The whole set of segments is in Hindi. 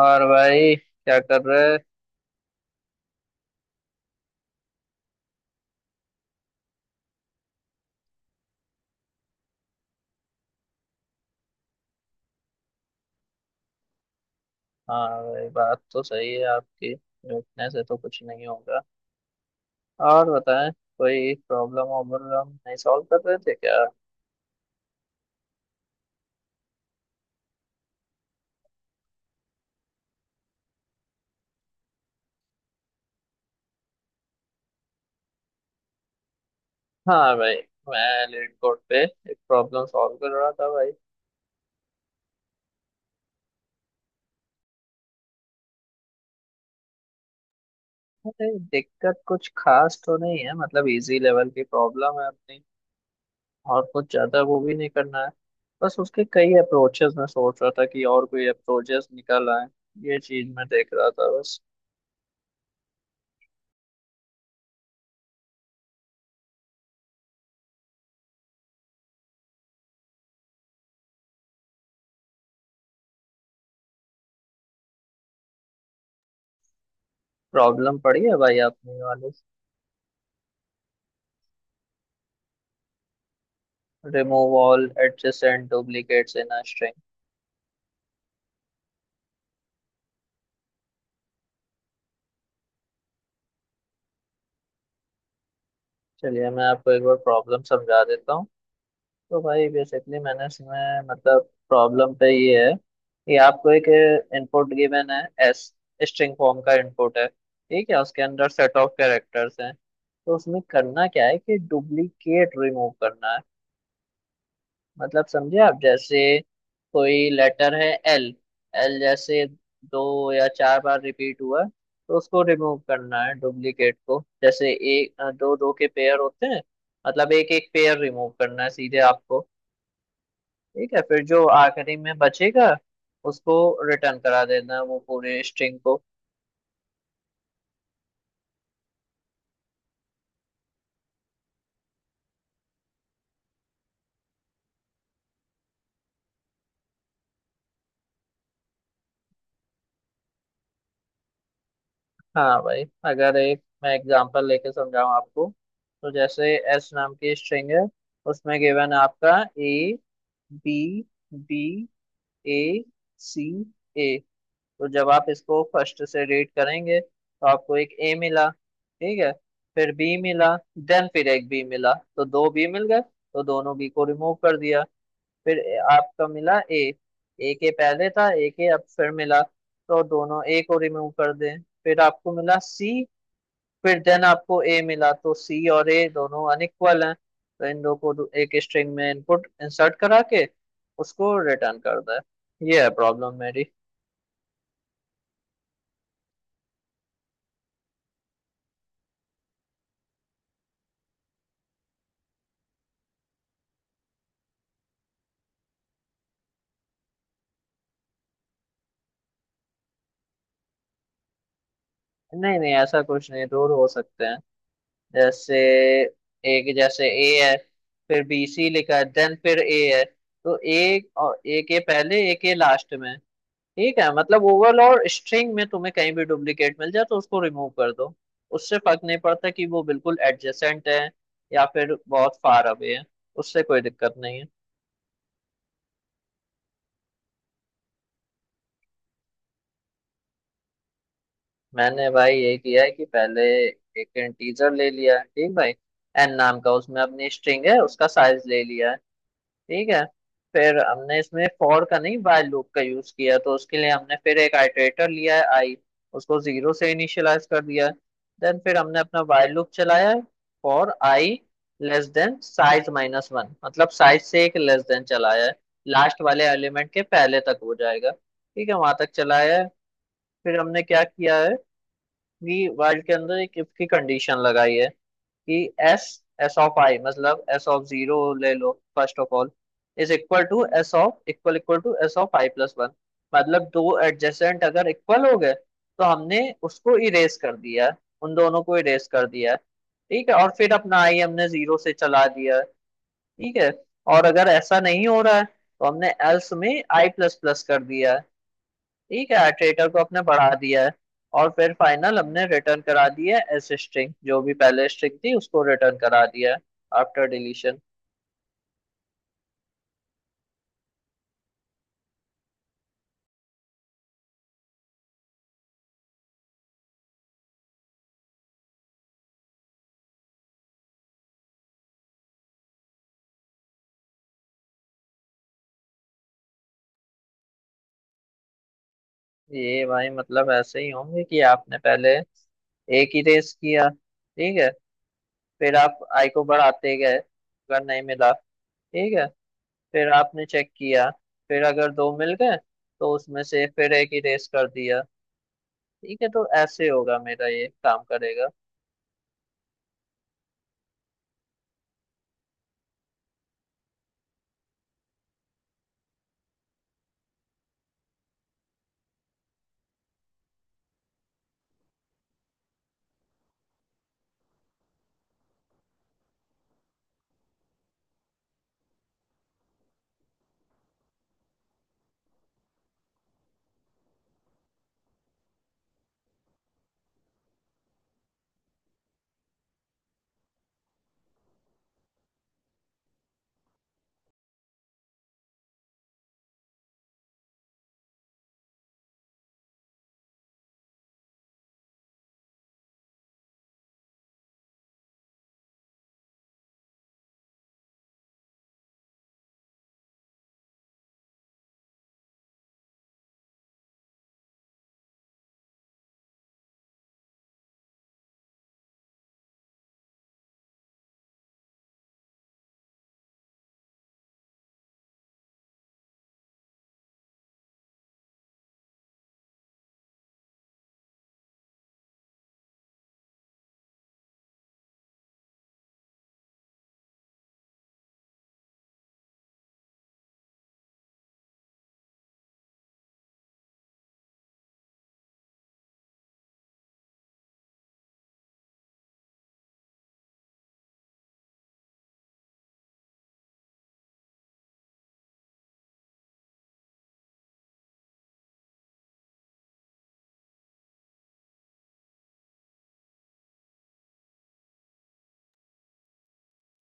और भाई क्या कर रहे? हाँ भाई बात तो सही है आपकी, रुकने से तो कुछ नहीं होगा। और बताएं। कोई प्रॉब्लम वॉब्लम नहीं सॉल्व कर रहे थे क्या? हाँ भाई, मैं लीड कोड पे एक प्रॉब्लम सॉल्व कर रहा था भाई। अरे दिक्कत कुछ खास तो नहीं है, मतलब इजी लेवल की प्रॉब्लम है अपनी। और कुछ ज्यादा वो भी नहीं करना है। बस उसके कई अप्रोचेस मैं सोच रहा था कि और कोई अप्रोचेस निकल आए। ये चीज मैं देख रहा था बस। प्रॉब्लम पड़ी है भाई आपने वाली? Remove all adjacent duplicates in a string. चलिए, मैं आपको एक बार प्रॉब्लम समझा देता हूँ। तो भाई बेसिकली मैंने इसमें, मतलब प्रॉब्लम पे ये है कि आपको एक इनपुट गिवन है। एस स्ट्रिंग फॉर्म का इनपुट है, ठीक है, उसके अंदर सेट ऑफ कैरेक्टर्स हैं, तो उसमें करना क्या है कि डुप्लीकेट रिमूव करना है। मतलब समझे आप, जैसे कोई लेटर है एल। एल जैसे दो या चार बार रिपीट हुआ है, तो उसको रिमूव करना है डुप्लीकेट को। जैसे एक दो दो के पेयर होते हैं। मतलब एक एक पेयर रिमूव करना है सीधे आपको। ठीक है, फिर जो आखिरी में बचेगा उसको रिटर्न करा देना है, वो पूरे स्ट्रिंग को। हाँ भाई। अगर एक मैं एग्जांपल लेके समझाऊँ आपको, तो जैसे एस नाम की स्ट्रिंग है। उसमें गिवन आपका A, B, A, C, A. तो जब आप इसको फर्स्ट से रेट करेंगे तो आपको एक ए मिला, ठीक है। फिर बी मिला, देन फिर एक बी मिला, तो दो बी मिल गए तो दोनों बी को रिमूव कर दिया। फिर आपका मिला ए। ए के पहले था ए के, अब फिर मिला तो दोनों ए को रिमूव कर दें, फिर आपको मिला सी। फिर देन आपको ए मिला, तो सी और ए दोनों अनइक्वल हैं, तो इन दो को एक स्ट्रिंग में इनपुट इंसर्ट करा के उसको रिटर्न कर दे। ये है प्रॉब्लम मेरी। नहीं नहीं, ऐसा कुछ नहीं, रूल हो सकते हैं। जैसे एक, जैसे ए है। फिर बी सी लिखा है, देन फिर ए है, तो ए और ए के पहले, ए के लास्ट में। ठीक है, मतलब ओवल और स्ट्रिंग में तुम्हें कहीं भी डुप्लीकेट मिल जाए तो उसको रिमूव कर दो। उससे फर्क नहीं पड़ता कि वो बिल्कुल एडजेसेंट है या फिर बहुत फार अवे है। उससे कोई दिक्कत नहीं है। मैंने भाई ये किया है कि पहले एक इंटीजर ले लिया है, ठीक भाई। एन नाम का, उसमें अपनी स्ट्रिंग है उसका साइज ले लिया है, ठीक है। फिर हमने इसमें फॉर का नहीं, while लूप का यूज किया, तो उसके लिए हमने फिर एक आइटरेटर लिया है आई। उसको जीरो से इनिशियलाइज कर दिया है। देन फिर हमने अपना while लूप चलाया है। For I less than size minus one, मतलब साइज से एक लेस देन चलाया है। लास्ट वाले एलिमेंट के पहले तक हो जाएगा, ठीक है, वहां तक चलाया है। फिर हमने क्या किया है कि while के अंदर एक इफ की कंडीशन लगाई है कि एस, एस ऑफ आई, मतलब एस ऑफ जीरो ले लो first of all, is equal to S of, equal equal to S of I plus one. मतलब दो एडजेसेंट अगर इक्वल हो गए तो हमने उसको इरेज कर दिया है, उन दोनों को इरेज कर दिया है। ठीक है, और फिर अपना आई हमने जीरो से चला दिया है, ठीक है। और अगर ऐसा नहीं हो रहा है तो हमने एल्स में आई प्लस प्लस कर दिया है, ठीक है, ट्रेकर को अपने बढ़ा दिया है। और फिर फाइनल हमने रिटर्न करा दी है एस स्ट्रिंग, जो भी पहले स्ट्रिंग थी उसको रिटर्न करा दिया है आफ्टर डिलीशन। ये भाई मतलब ऐसे ही होंगे कि आपने पहले एक ही रेस किया, ठीक है। फिर आप आई को बढ़ाते गए अगर नहीं मिला, ठीक है। फिर आपने चेक किया, फिर अगर दो मिल गए, तो उसमें से फिर एक ही रेस कर दिया। ठीक है, तो ऐसे होगा मेरा, ये काम करेगा।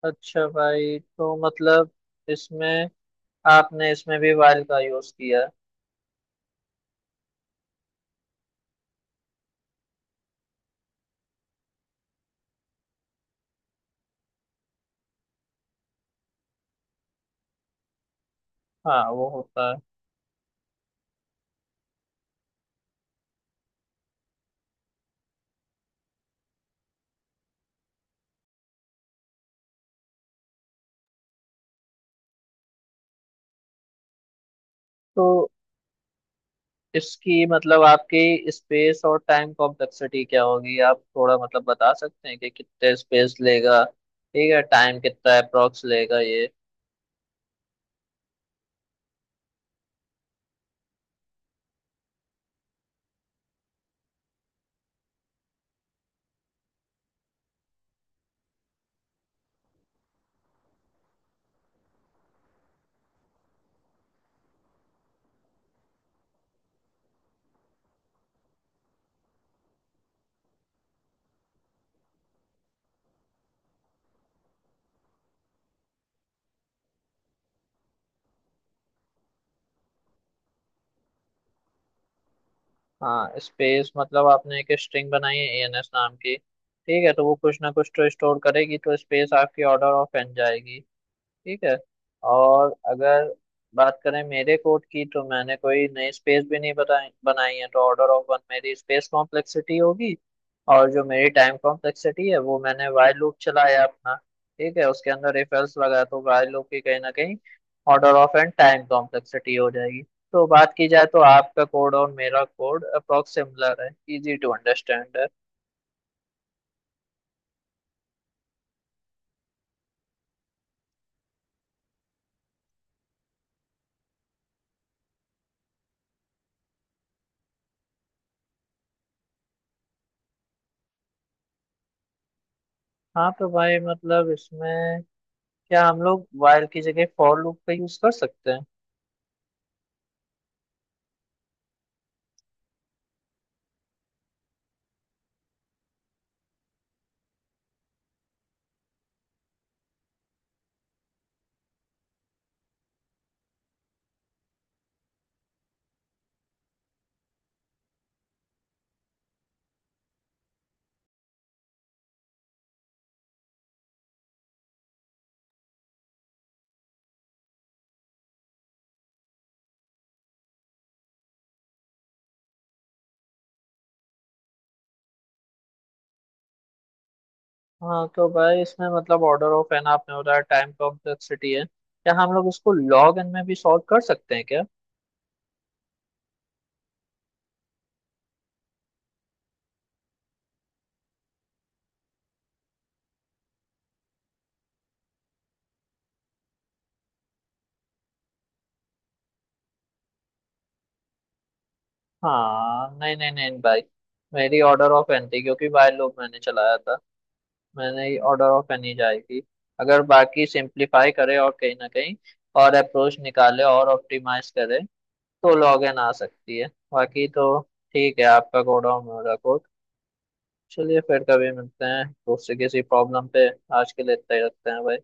अच्छा भाई, तो मतलब इसमें आपने इसमें भी वाइल का यूज किया है? हाँ वो होता है। तो इसकी, मतलब आपकी स्पेस और टाइम कॉम्प्लेक्सिटी क्या होगी, आप थोड़ा मतलब बता सकते हैं कि कितने स्पेस लेगा, ठीक है, टाइम कितना अप्रोक्स लेगा ये? हाँ, स्पेस, मतलब आपने एक स्ट्रिंग बनाई है एएनएस नाम की, ठीक है, तो वो कुछ ना कुछ तो स्टोर करेगी, तो स्पेस आपकी ऑर्डर ऑफ एन जाएगी, ठीक है। और अगर बात करें मेरे कोड की, तो मैंने कोई नई स्पेस भी नहीं बताई बनाई है, तो ऑर्डर ऑफ वन मेरी स्पेस कॉम्प्लेक्सिटी होगी। और जो मेरी टाइम कॉम्प्लेक्सिटी है वो, मैंने वाइल लूप चलाया अपना, ठीक है, उसके अंदर इफ एल्स लगा, तो वाइल लूप की कहीं ना कहीं order of N time complexity हो जाएगी। तो बात की जाए तो आपका कोड और मेरा कोड अप्रोक्स सिमिलर है, इजी टू अंडरस्टैंड है। हाँ तो भाई मतलब इसमें क्या हम लोग वाइल की जगह फॉर लूप का यूज कर सकते हैं? हाँ तो भाई इसमें मतलब ऑर्डर ऑफ एन आपने बताया टाइम कॉम्प्लेक्सिटी है, क्या हम लोग इसको लॉग एन में भी सॉल्व कर सकते हैं क्या? हाँ, नहीं नहीं नहीं भाई। मेरी ऑर्डर ऑफ एन थी, क्योंकि भाई लोग मैंने चलाया था, मैंने ही, ऑर्डर ऑफ एन ही जाएगी। अगर बाकी सिंप्लीफाई करे और कहीं ना कहीं और अप्रोच निकाले और ऑप्टिमाइज करे, तो लॉग एन आ सकती है। बाकी तो ठीक है आपका कोड और मेरा कोड। चलिए फिर कभी मिलते हैं दूसरे किसी प्रॉब्लम पे, आज के लिए इतना ही रखते हैं भाई।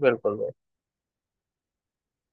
बिल्कुल भाई।